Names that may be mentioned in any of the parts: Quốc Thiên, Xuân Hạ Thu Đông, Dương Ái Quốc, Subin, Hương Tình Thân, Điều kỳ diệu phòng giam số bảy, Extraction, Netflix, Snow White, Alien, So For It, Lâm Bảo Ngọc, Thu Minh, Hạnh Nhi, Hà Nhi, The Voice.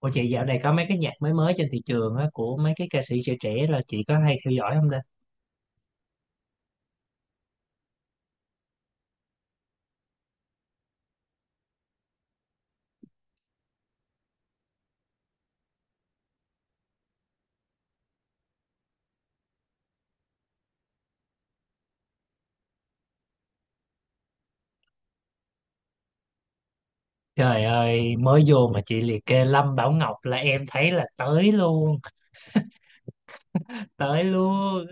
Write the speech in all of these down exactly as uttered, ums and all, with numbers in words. Ủa chị dạo này có mấy cái nhạc mới mới trên thị trường á, của mấy cái ca sĩ trẻ trẻ là chị có hay theo dõi không ta? Trời ơi, mới vô mà chị liệt kê Lâm Bảo Ngọc là em thấy là tới luôn, tới luôn.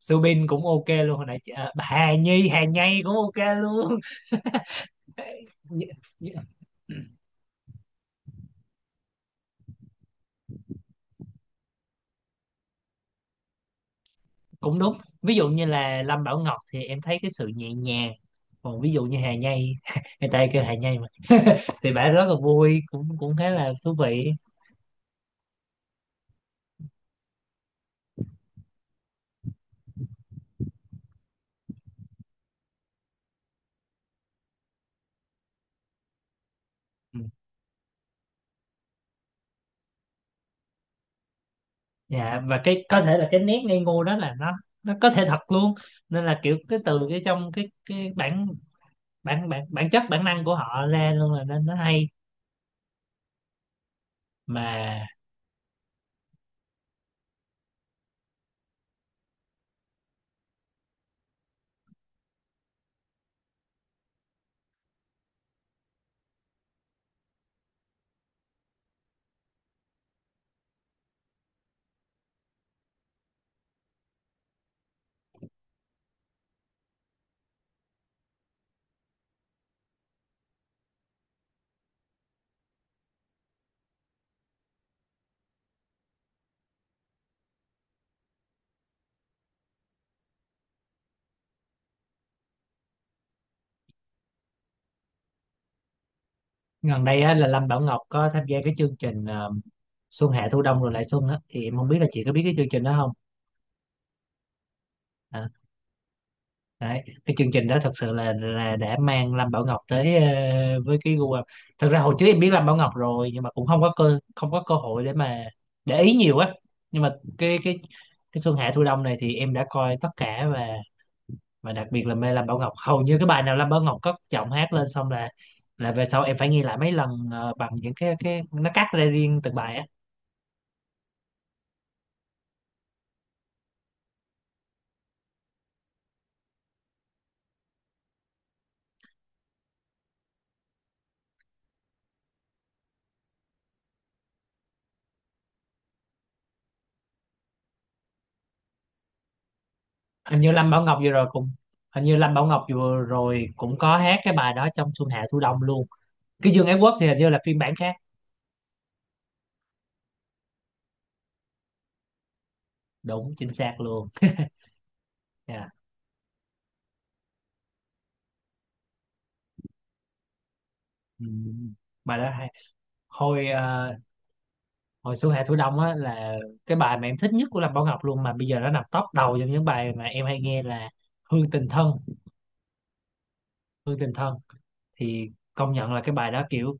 Subin cũng ok luôn, hồi nãy chị, à, Hà Nhi, Hà Nhi cũng ok luôn. Nh- nh- Cũng đúng. Ví dụ như là Lâm Bảo Ngọc thì em thấy cái sự nhẹ nhàng. Còn ví dụ như Hà Nhi, người ta kêu Hà Nhi mà, thì bả rất là vui, cũng cũng khá là thú vị. Ừ. Dạ, và cái có thể là cái nét ngây ngô đó là nó nó có thể thật luôn, nên là kiểu cái từ cái trong cái cái bản bản bản bản chất bản năng của họ ra luôn, là nên nó hay mà. Gần đây á, là Lâm Bảo Ngọc có tham gia cái chương trình ờ, Xuân Hạ Thu Đông rồi lại Xuân á, thì em không biết là chị có biết cái chương trình đó không. À, đấy, cái chương trình đó thật sự là là đã mang Lâm Bảo Ngọc tới ờ, với cái gu âm. Thật ra hồi trước em biết Lâm Bảo Ngọc rồi, nhưng mà cũng không có cơ không có cơ hội để mà để ý nhiều á. Nhưng mà cái cái cái Xuân Hạ Thu Đông này thì em đã coi tất cả, và và đặc biệt là mê Lâm Bảo Ngọc. Hầu như cái bài nào Lâm Bảo Ngọc cất giọng hát lên xong là là về sau em phải nghe lại mấy lần ờ, bằng những cái cái nó cắt ra riêng từng bài á. Hình như Lâm Bảo Ngọc vừa rồi cũng Hình như Lâm Bảo Ngọc vừa rồi cũng có hát cái bài đó trong Xuân Hạ Thu Đông luôn. Cái Dương Ái Quốc thì hình như là phiên bản khác. Đúng, chính xác luôn. Dạ. Ừ. Bài đó hay. hồi ờ, Hồi Xuân Hạ Thu Đông á là cái bài mà em thích nhất của Lâm Bảo Ngọc luôn, mà bây giờ nó nằm top đầu trong những bài mà em hay nghe là Hương Tình Thân. Hương Tình Thân thì công nhận là cái bài đó kiểu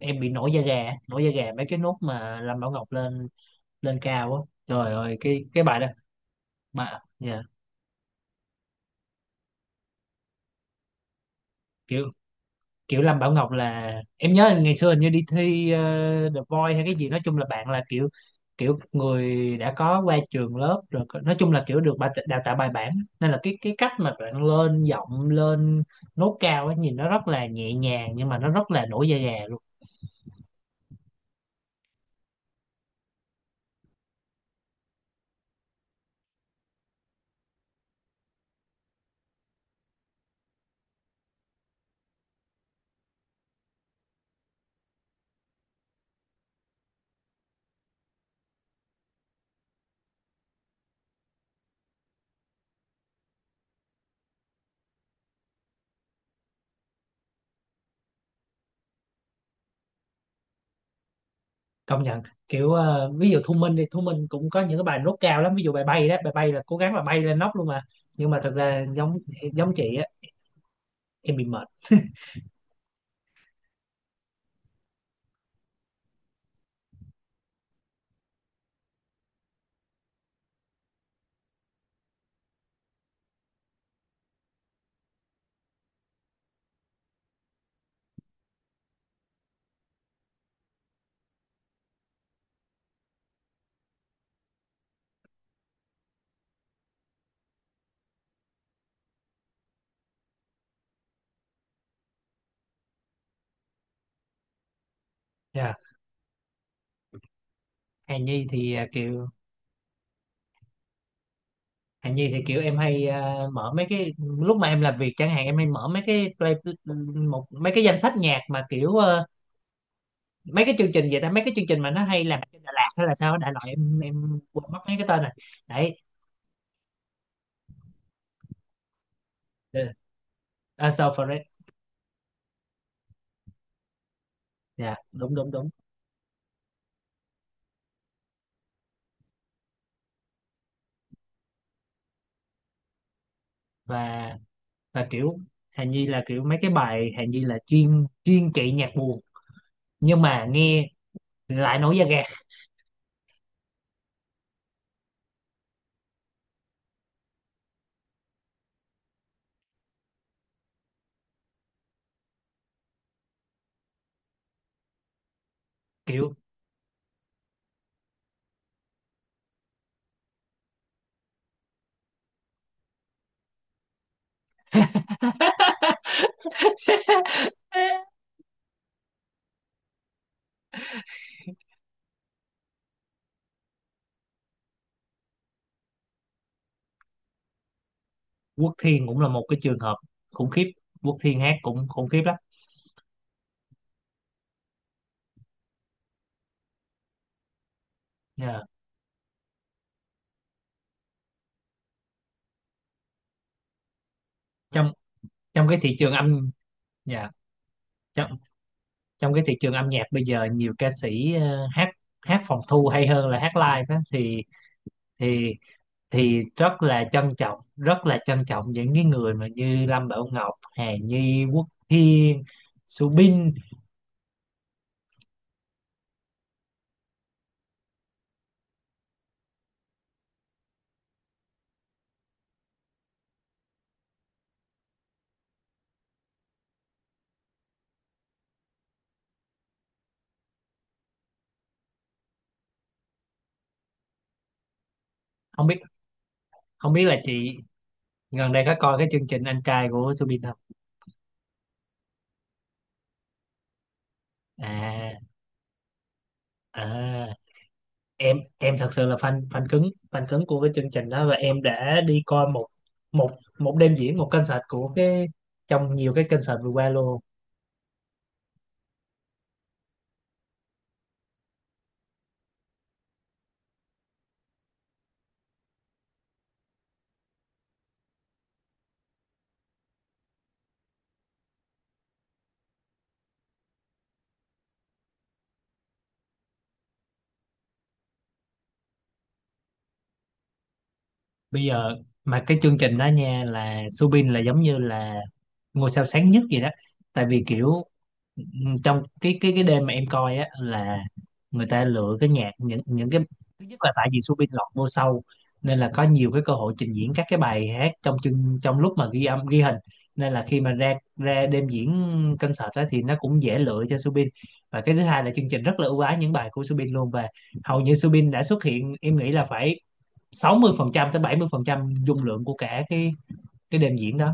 em bị nổi da gà, nổi da gà mấy cái nốt mà Lâm Bảo Ngọc lên lên cao á. Trời ơi, cái cái bài đó mà. Dạ, kiểu kiểu Lâm Bảo Ngọc là em nhớ ngày xưa hình như đi thi ờ, The Voice hay cái gì. Nói chung là bạn là kiểu kiểu người đã có qua trường lớp rồi, có- nói chung là kiểu được bà- đào tạo bài bản, nên là cái cái cách mà bạn lên giọng, lên nốt cao ấy, nhìn nó rất là nhẹ nhàng nhưng mà nó rất là nổi da gà luôn. Công nhận, kiểu ờ, ví dụ Thu Minh đi, Thu Minh cũng có những cái bài nốt cao lắm, ví dụ bài bay đó, bài bay là cố gắng là bay lên nóc luôn mà, nhưng mà thật ra giống giống chị á, em bị mệt. Dạ. Hà Nhi thì à, kiểu Hạnh Nhi thì kiểu em hay à, mở mấy cái lúc mà em làm việc chẳng hạn, em hay mở mấy cái play một mấy cái danh sách nhạc mà kiểu ờ, mấy cái chương trình vậy ta, mấy cái chương trình mà nó hay làm trên Đà Lạt hay là sao á, đại loại em em quên mất mấy cái tên này. Đấy, uh, So For It. Dạ, đúng đúng đúng. Và và kiểu Hạnh Nhi là kiểu mấy cái bài Hạnh Nhi là chuyên chuyên trị nhạc buồn, nhưng mà nghe lại nổi da gà kiểu. Quốc Thiên cũng là một cái trường hợp khủng khiếp. Quốc Thiên hát cũng khủng khiếp lắm. Dạ, trong trong cái thị trường âm. Dạ, trong trong cái thị trường âm nhạc bây giờ nhiều ca sĩ ờ, hát, hát phòng thu hay hơn là hát live đó, thì thì thì rất là trân trọng, rất là trân trọng những cái người mà như Lâm Bảo Ngọc, Hà Nhi, Quốc Thiên, Subin. không biết Không biết là chị gần đây có coi cái chương trình anh trai của Subin không? À. À, em em thật sự là fan fan cứng, fan cứng của cái chương trình đó, và em đã đi coi một một một đêm diễn, một concert của cái trong nhiều cái concert vừa qua luôn. Bây giờ mà cái chương trình đó nha, là Subin là giống như là ngôi sao sáng nhất gì đó, tại vì kiểu ừm, trong cái cái cái đêm mà em coi á, là người ta lựa cái nhạc, những những cái thứ nhất là tại vì Subin lọt vô sau, nên là có nhiều cái cơ hội trình diễn các cái bài hát trong chương, trong lúc mà ghi âm ghi hình, nên là khi mà ra ra đêm diễn concert đó thì nó cũng dễ lựa cho Subin. Và cái thứ hai là chương trình rất là ưu ái những bài của Subin luôn, và hầu như Subin đã xuất hiện em nghĩ là phải sáu mươi phần trăm tới bảy mươi phần trăm dung lượng của cả cái cái đêm diễn đó.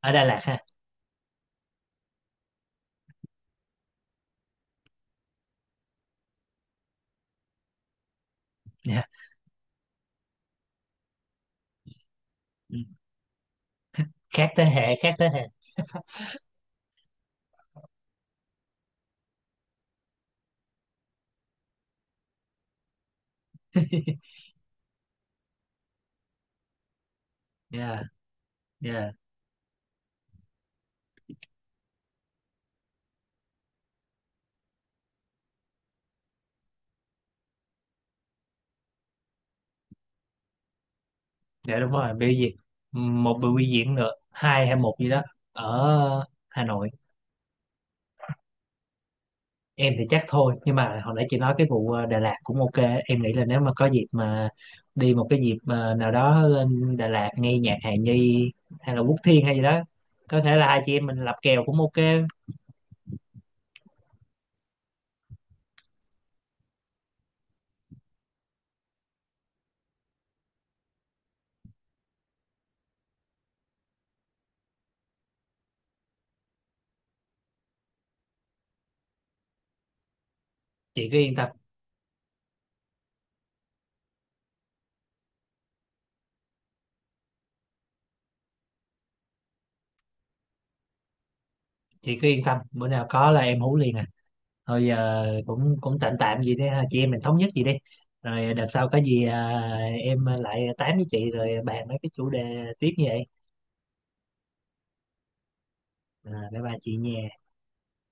Ở Đà Lạt ha. Dạ. Ừ, khác thế hệ, khác thế hệ. Dạ, dạ, dạ, đúng rồi, biểu diễn một buổi biểu diễn nữa, hai hay một gì đó, ở Hà Nội. Em thì chắc thôi, nhưng mà hồi nãy chị nói cái vụ ờ, Đà Lạt cũng ok. Em nghĩ là nếu mà có dịp mà đi một cái dịp mà nào đó lên Đà Lạt nghe nhạc Hà Nhi, hay là Quốc Thiên hay gì đó, có thể là hai chị em mình lập kèo cũng ok. Chị cứ yên tâm, chị cứ yên tâm, bữa nào có là em hú liền. Thôi giờ cũng cũng tạm tạm vậy đi ha, chị em mình thống nhất gì đi, rồi đợt sau có gì à, em lại tám với chị rồi bàn mấy cái chủ đề tiếp như vậy. À, bye bye chị nha.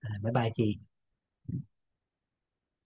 À, bye bye chị.